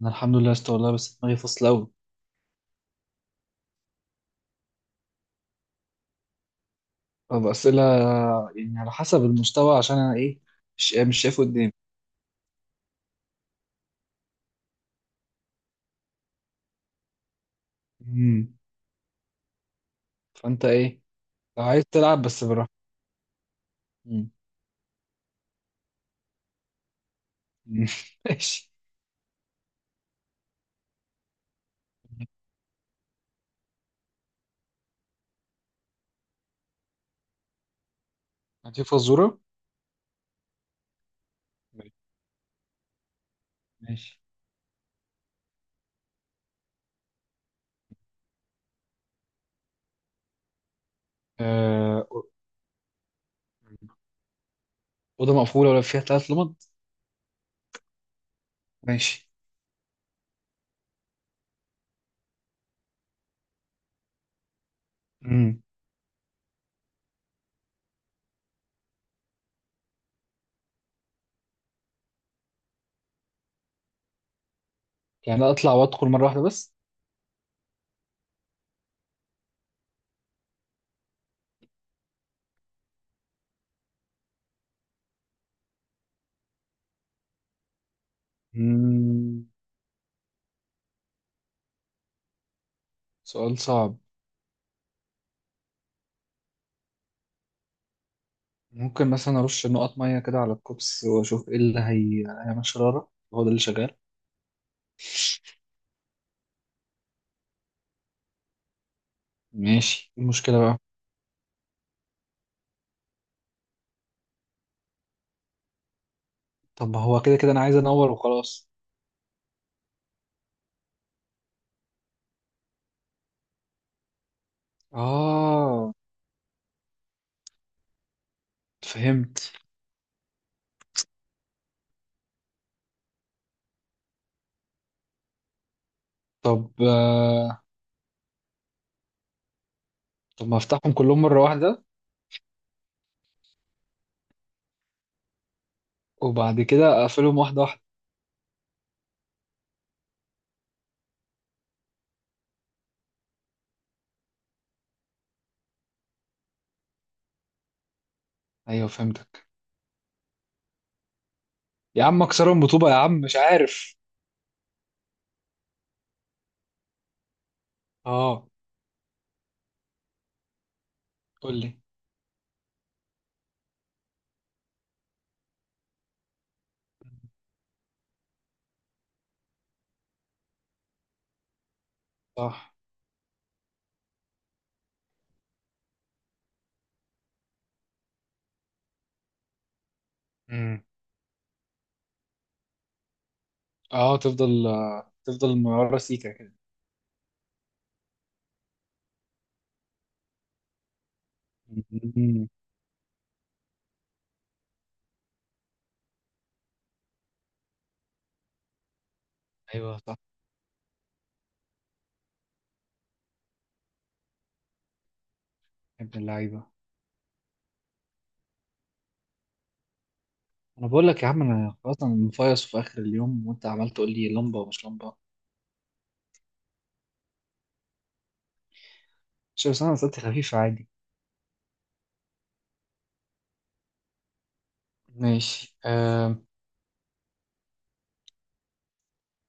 انا الحمد لله است والله، بس دماغي فاصله قوي. طب اسئله. يعني على حسب المستوى، عشان انا ايه، مش شايف قدامي. امم. فانت ايه، لو عايز تلعب بس براحتك. امم. أمم. ماشي. هاتي فزوره. ماشي. آه. اوضه مقفوله ولا فيها 3 لمض؟ ماشي. امم. يعني اطلع وادخل مره واحده بس؟ امم. سؤال صعب. ممكن مثلا ارش نقط ميه كده على الكوبس واشوف ايه اللي هي هيعمل شراره، هو ده اللي شغال. ماشي، إيه المشكله بقى؟ طب ما هو كده كده انا عايز انور وخلاص. اه، فهمت. طب طب ما افتحهم كلهم مرة واحدة وبعد كده اقفلهم واحدة واحدة. ايوه، فهمتك. يا عم اكسرهم بطوبة، يا عم مش عارف. اه. قول لي. صح. امم. اه، تفضل مرة سيكة كده. مم. ايوه، صح. يا ابن اللعيبة. انا بقول لك يا عم، انا خلاص، انا مفيص في اخر اليوم، وانت عمال تقول لي لمبة ومش لمبة. مش، بس انا اسئلتي خفيفة عادي. ماشي.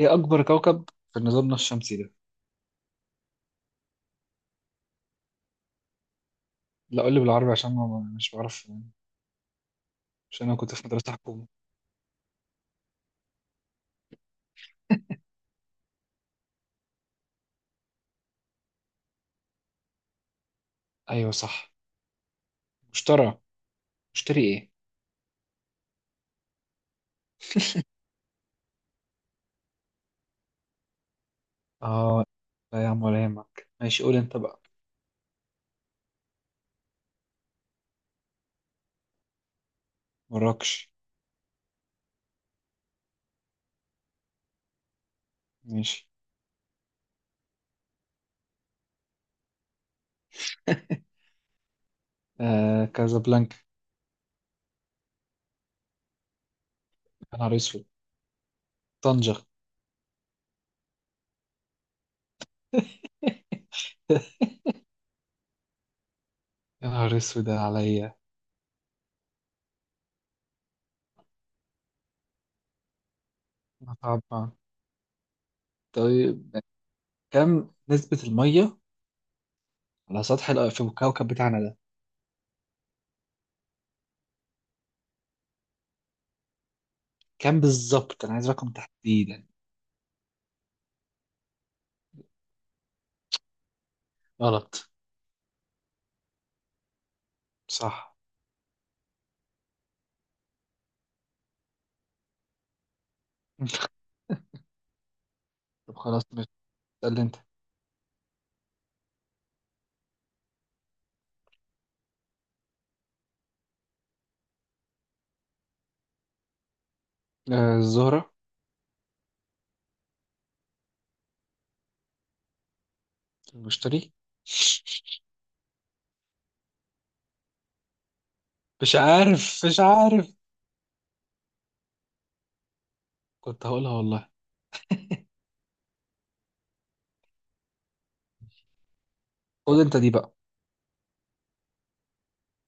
ايه اكبر كوكب في نظامنا الشمسي ده؟ لا، قول لي بالعربي عشان مش بعرف. عشان انا كنت في مدرسة حكومة. ايوه، صح. مشتري. مشتري ايه؟ اه. لا يا عم، ولا يهمك، ماشي قول انت بقى. مراكش. ماشي. آه، كازابلانكا. يا نهار اسود. طنجة. يا نهار اسود عليا. متعب. طيب. كم نسبة المية على سطح في الكوكب بتاعنا ده؟ كم بالظبط، انا عايز رقم تحديدا. غلط. صح. طب خلاص اسأل انت. آه، الزهرة. المشتري. مش عارف مش عارف. كنت هقولها والله. خد انت دي بقى.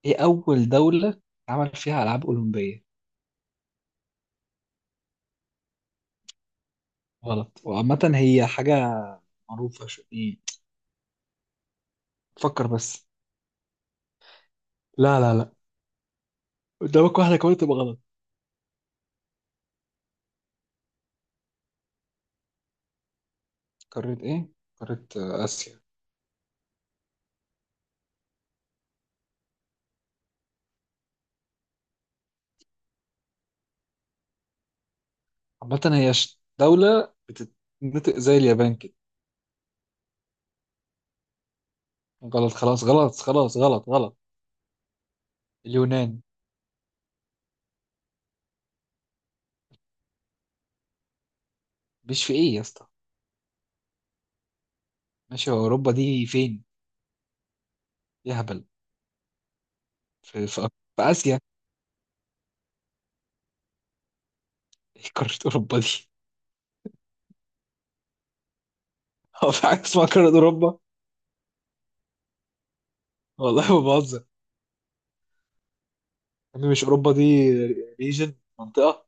ايه أول دولة عمل فيها ألعاب أولمبية؟ غلط، وعامة هي حاجة معروفة شو ايه. فكر بس. لا، لا، لا. قدامك واحدة كمان تبقى غلط. قارة ايه؟ قارة آسيا. عامة هي دولة بتتنطق زي اليابان كده. غلط خلاص، غلط خلاص، غلط غلط. اليونان. مش في ايه يا اسطى؟ ماشي، هو أوروبا دي فين؟ يهبل. في في في آسيا. ايه قارة اوروبا دي؟ هو في حاجة اسمها قارة اوروبا؟ والله ما بهزر. يعني مش اوروبا دي ريجن، منطقة.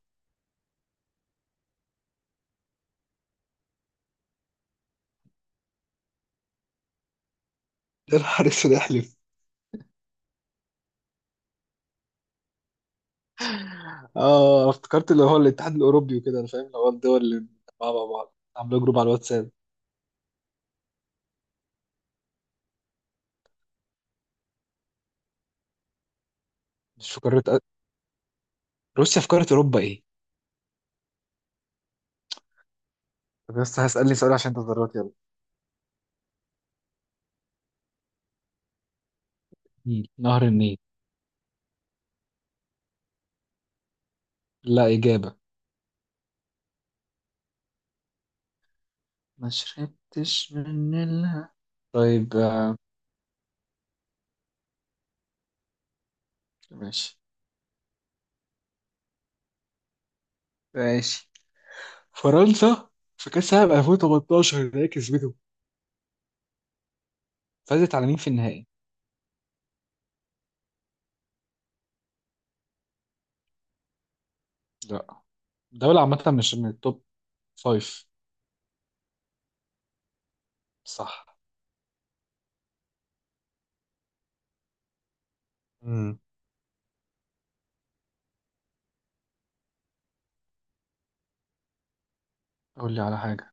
يا نهار اسود، احلف. اه، افتكرت اللي هو الاتحاد الاوروبي وكده، انا فاهم اللي هو الدول اللي مجمعة مع بعض عاملة جروب على الواتساب. مش في قارة؟ روسيا في قارة اوروبا ايه؟ طب بس هسألني سؤال عشان انت ضربت يلا. مم. نهر النيل. لا، إجابة. ما شربتش من الها. طيب ماشي. ماشي. فرنسا في كأس العالم 2018 اللي هي كسبته، فازت على مين في النهائي؟ لا. دولة عامة مش من التوب. فايف. صح. امم. قول لي على حاجة.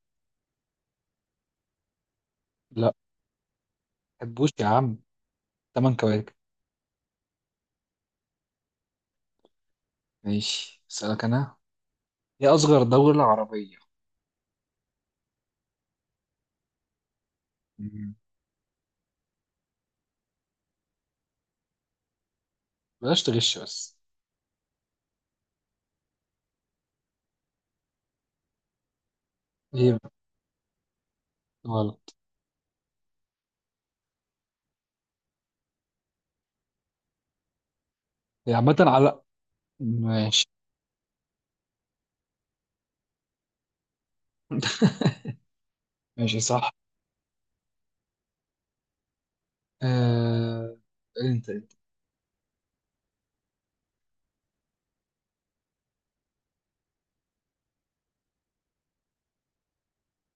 لا. حبوش يا عم. 8 كواكب. ماشي، اسألك أنا. هي أصغر دولة عربية؟ مم. بلاش تغش بس. هي. غلط. هي عامة على. ماشي. ماشي، صح. آه. انت.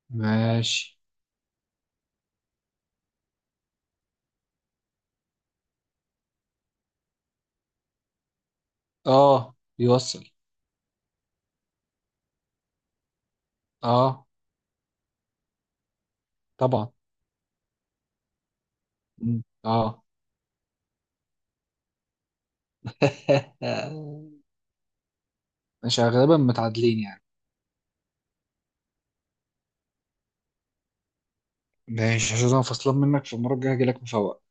ماشي. اه، بيوصل. اه، طبعا. مم. اه. ماشي، غالبا متعادلين يعني. ماشي، عشان انا فصلان منك، في المرة الجاية هجيلك مفوق.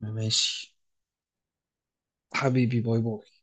ماشي. حبيبي، باي باي.